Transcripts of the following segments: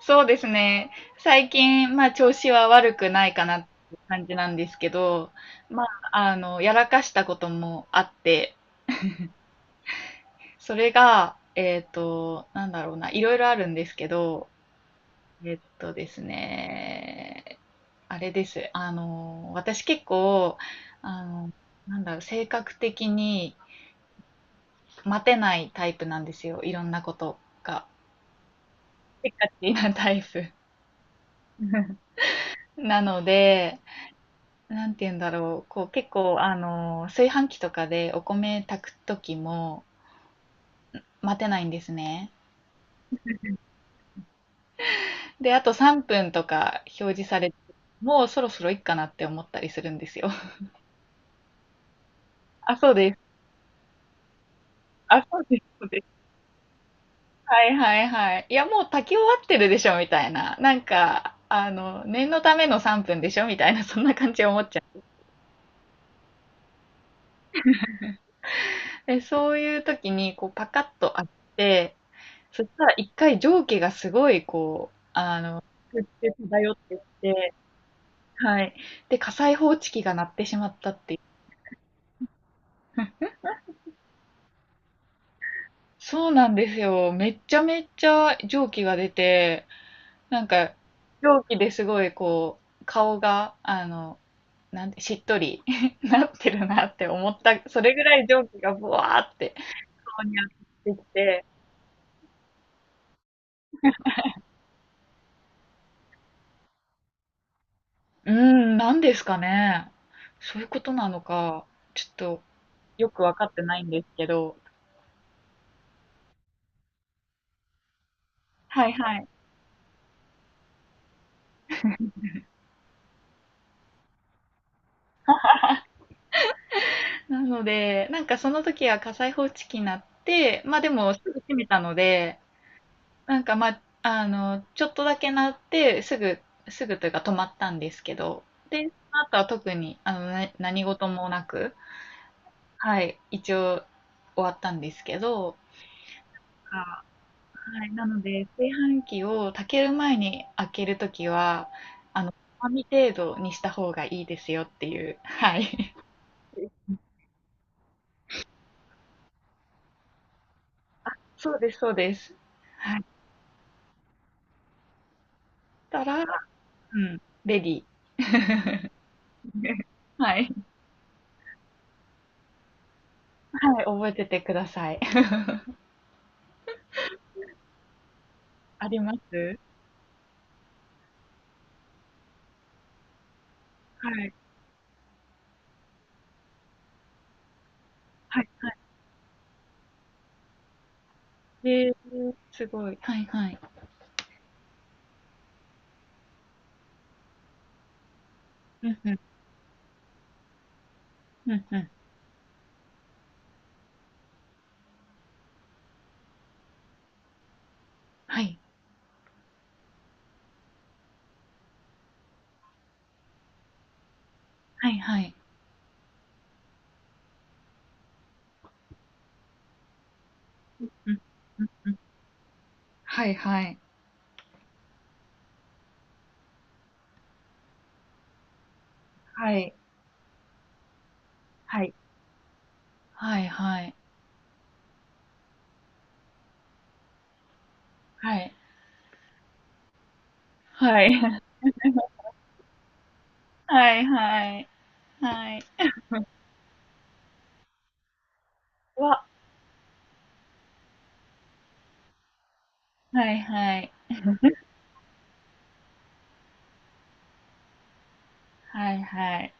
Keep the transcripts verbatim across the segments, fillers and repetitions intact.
そうですね。最近、まあ、調子は悪くないかなって感じなんですけど、まあ、あの、やらかしたこともあって、それが、えっと、なんだろうな、いろいろあるんですけど、えっとですね、あれです。あの、私結構、あの、なんだろう、性格的に待てないタイプなんですよ。いろんなことが。せっかちなタイプ。なので、なんて言うんだろう、こう結構あの炊飯器とかでお米炊く時も待てないんですね。で、あとさんぷんとか表示されて、もうそろそろいっかなって思ったりするんですよ。あ、そうです。あ、そうです、そうです。はいはいはい。いや、もう炊き終わってるでしょ、みたいな。なんか、あの、念のためのさんぷんでしょ、みたいな、そんな感じで思っちゃう。で、そういう時に、こう、パカッと開けて、そしたらいっかい蒸気がすごい、こう、空中漂ってきて、はい。で、火災報知器が鳴ってしまったっていう。そうなんですよ。めっちゃめっちゃ蒸気が出て、なんか、蒸気ですごいこう、顔が、あの、なんて、しっとり なってるなって思った、それぐらい蒸気がブワーって顔に当たってきて、うーん、なんですかね。そういうことなのか、ちょっとよくわかってないんですけど、はいはい。なので、なんかその時は火災報知器になって、まあでもすぐ閉めたので、なんかまあ、あの、ちょっとだけ鳴って、すぐ、すぐというか止まったんですけど、で、その後は特に、あの、な何事もなく、はい、一応終わったんですけど、あはい、なので、炊飯器を炊ける前に開けるときは、あの、つまみ程度にした方がいいですよっていう、はい。そうです、そうです。はい。したら、うん、レディー。はい。はい、覚えててください。あります。はい。はいはい。えー、すごい。はいはい。うんうん。うんうん。はい。はいはい。うん、うん、うん。はいはい。はい。はい。はいはい。はい。はい。はいはい。はい。わ。はいはい。はいはい。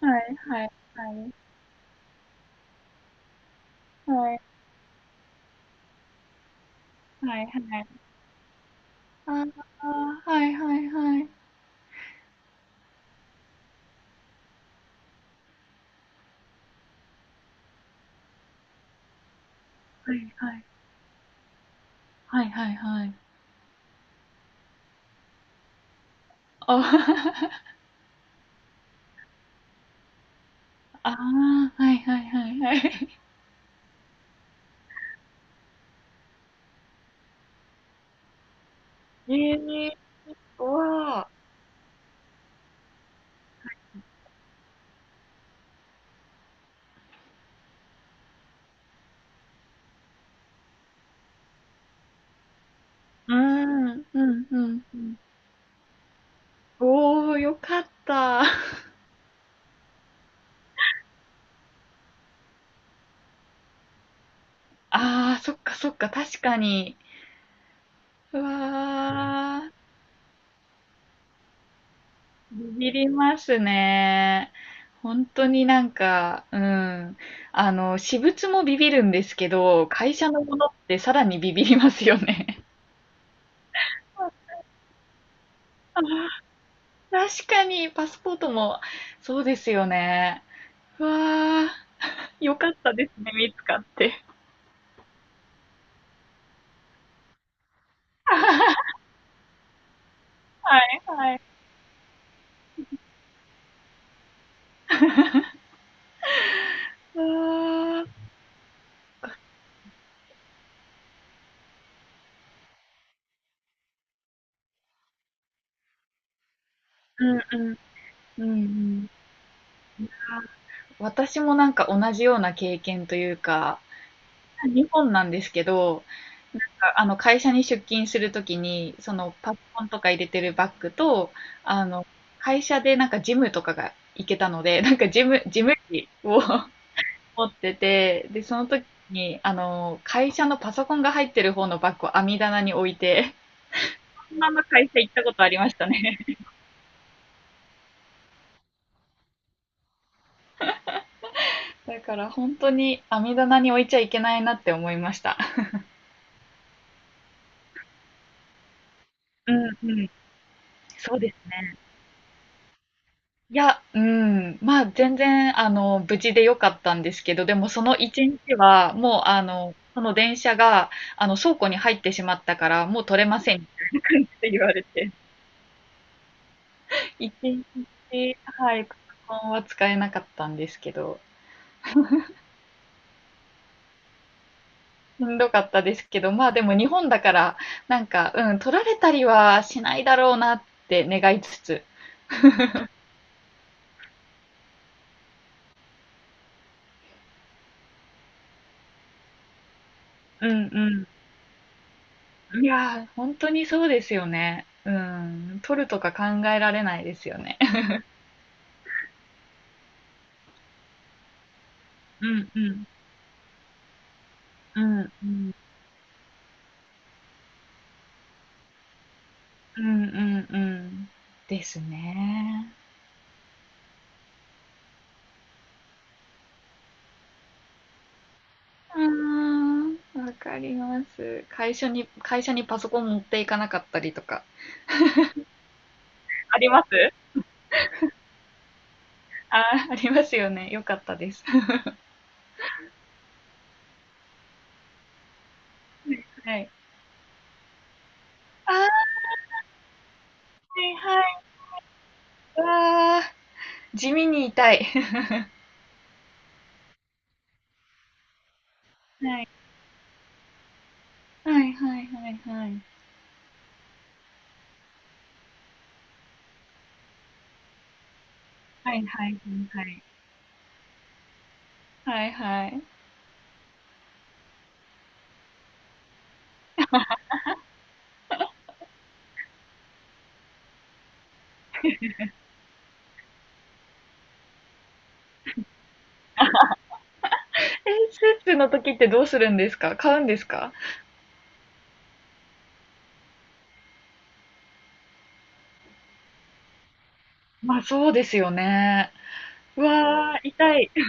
はいはい。はい。はいはい。はいああ、はいはいはい。はいはい。はいはいはい。あ ああ、はいはいはいはい。ええーわうーん、うんうんうん。おお、よかった。ああ、そっかそっか、確かに。うわあ、ビビりますね。本当になんか、うん。あの、私物もビビるんですけど、会社のものってさらにビビりますよね。確かに、パスポートも、そうですよね。うわあ。よかったですね、見つかって。はい、はい。うん、うん、うん、うん。私もなんか同じような経験というか、日本なんですけど、なんかあの会社に出勤するときに、そのパソコンとか入れてるバッグと、あの、会社でなんかジムとかが行けたので、なんかジム、ジム機を 持ってて、で、その時に、あの、会社のパソコンが入ってる方のバッグを網棚に置いて、ナの会社行ったことありましたね。だから本当に網棚に置いちゃいけないなって思いました。うんうん。そうです。いや、うん、まあ全然あの無事でよかったんですけど、でもその一日はもうあの、その電車があの倉庫に入ってしまったからもう取れません。って言われて。一日、はい、パソコンは使えなかったんですけど。しんどかったですけど、まあでも日本だから、なんか、うん、取られたりはしないだろうなって願いつつ。うんうん。いやー、本当にそうですよね。うん、取るとか考えられないですよね。うんうん。うんうん。うんうんうん。ですね。うーん、わかります。会社に、会社にパソコン持っていかなかったりとか。ありますあー、ありますよね。よかったです。はい。あー、はいはい。わー。地味に痛い。はい。はいはいはいはい。はいはいはいはい。はいはい。え、スーツの時ってどうするんですか？買うんですか？まあそうですよね。うわー、痛い。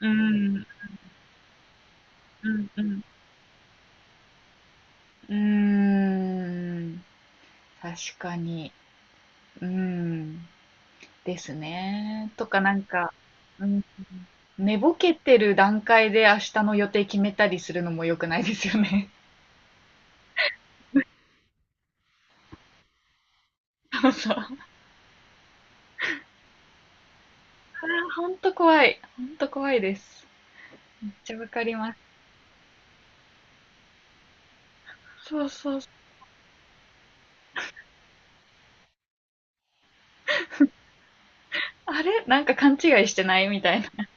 うん、うん、うん。うーん、確かに。うん、ですね。とかなんか、うん、寝ぼけてる段階で明日の予定決めたりするのも良くないですよね。そうそう。あ、ほんと怖い。ほんと怖いです。めっちゃわかります。そうそう。あれなんか勘違いしてないみたいな。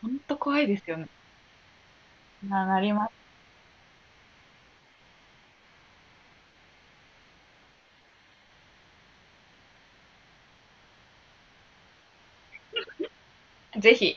ほんと怖いですよね。な、なります。ぜひ。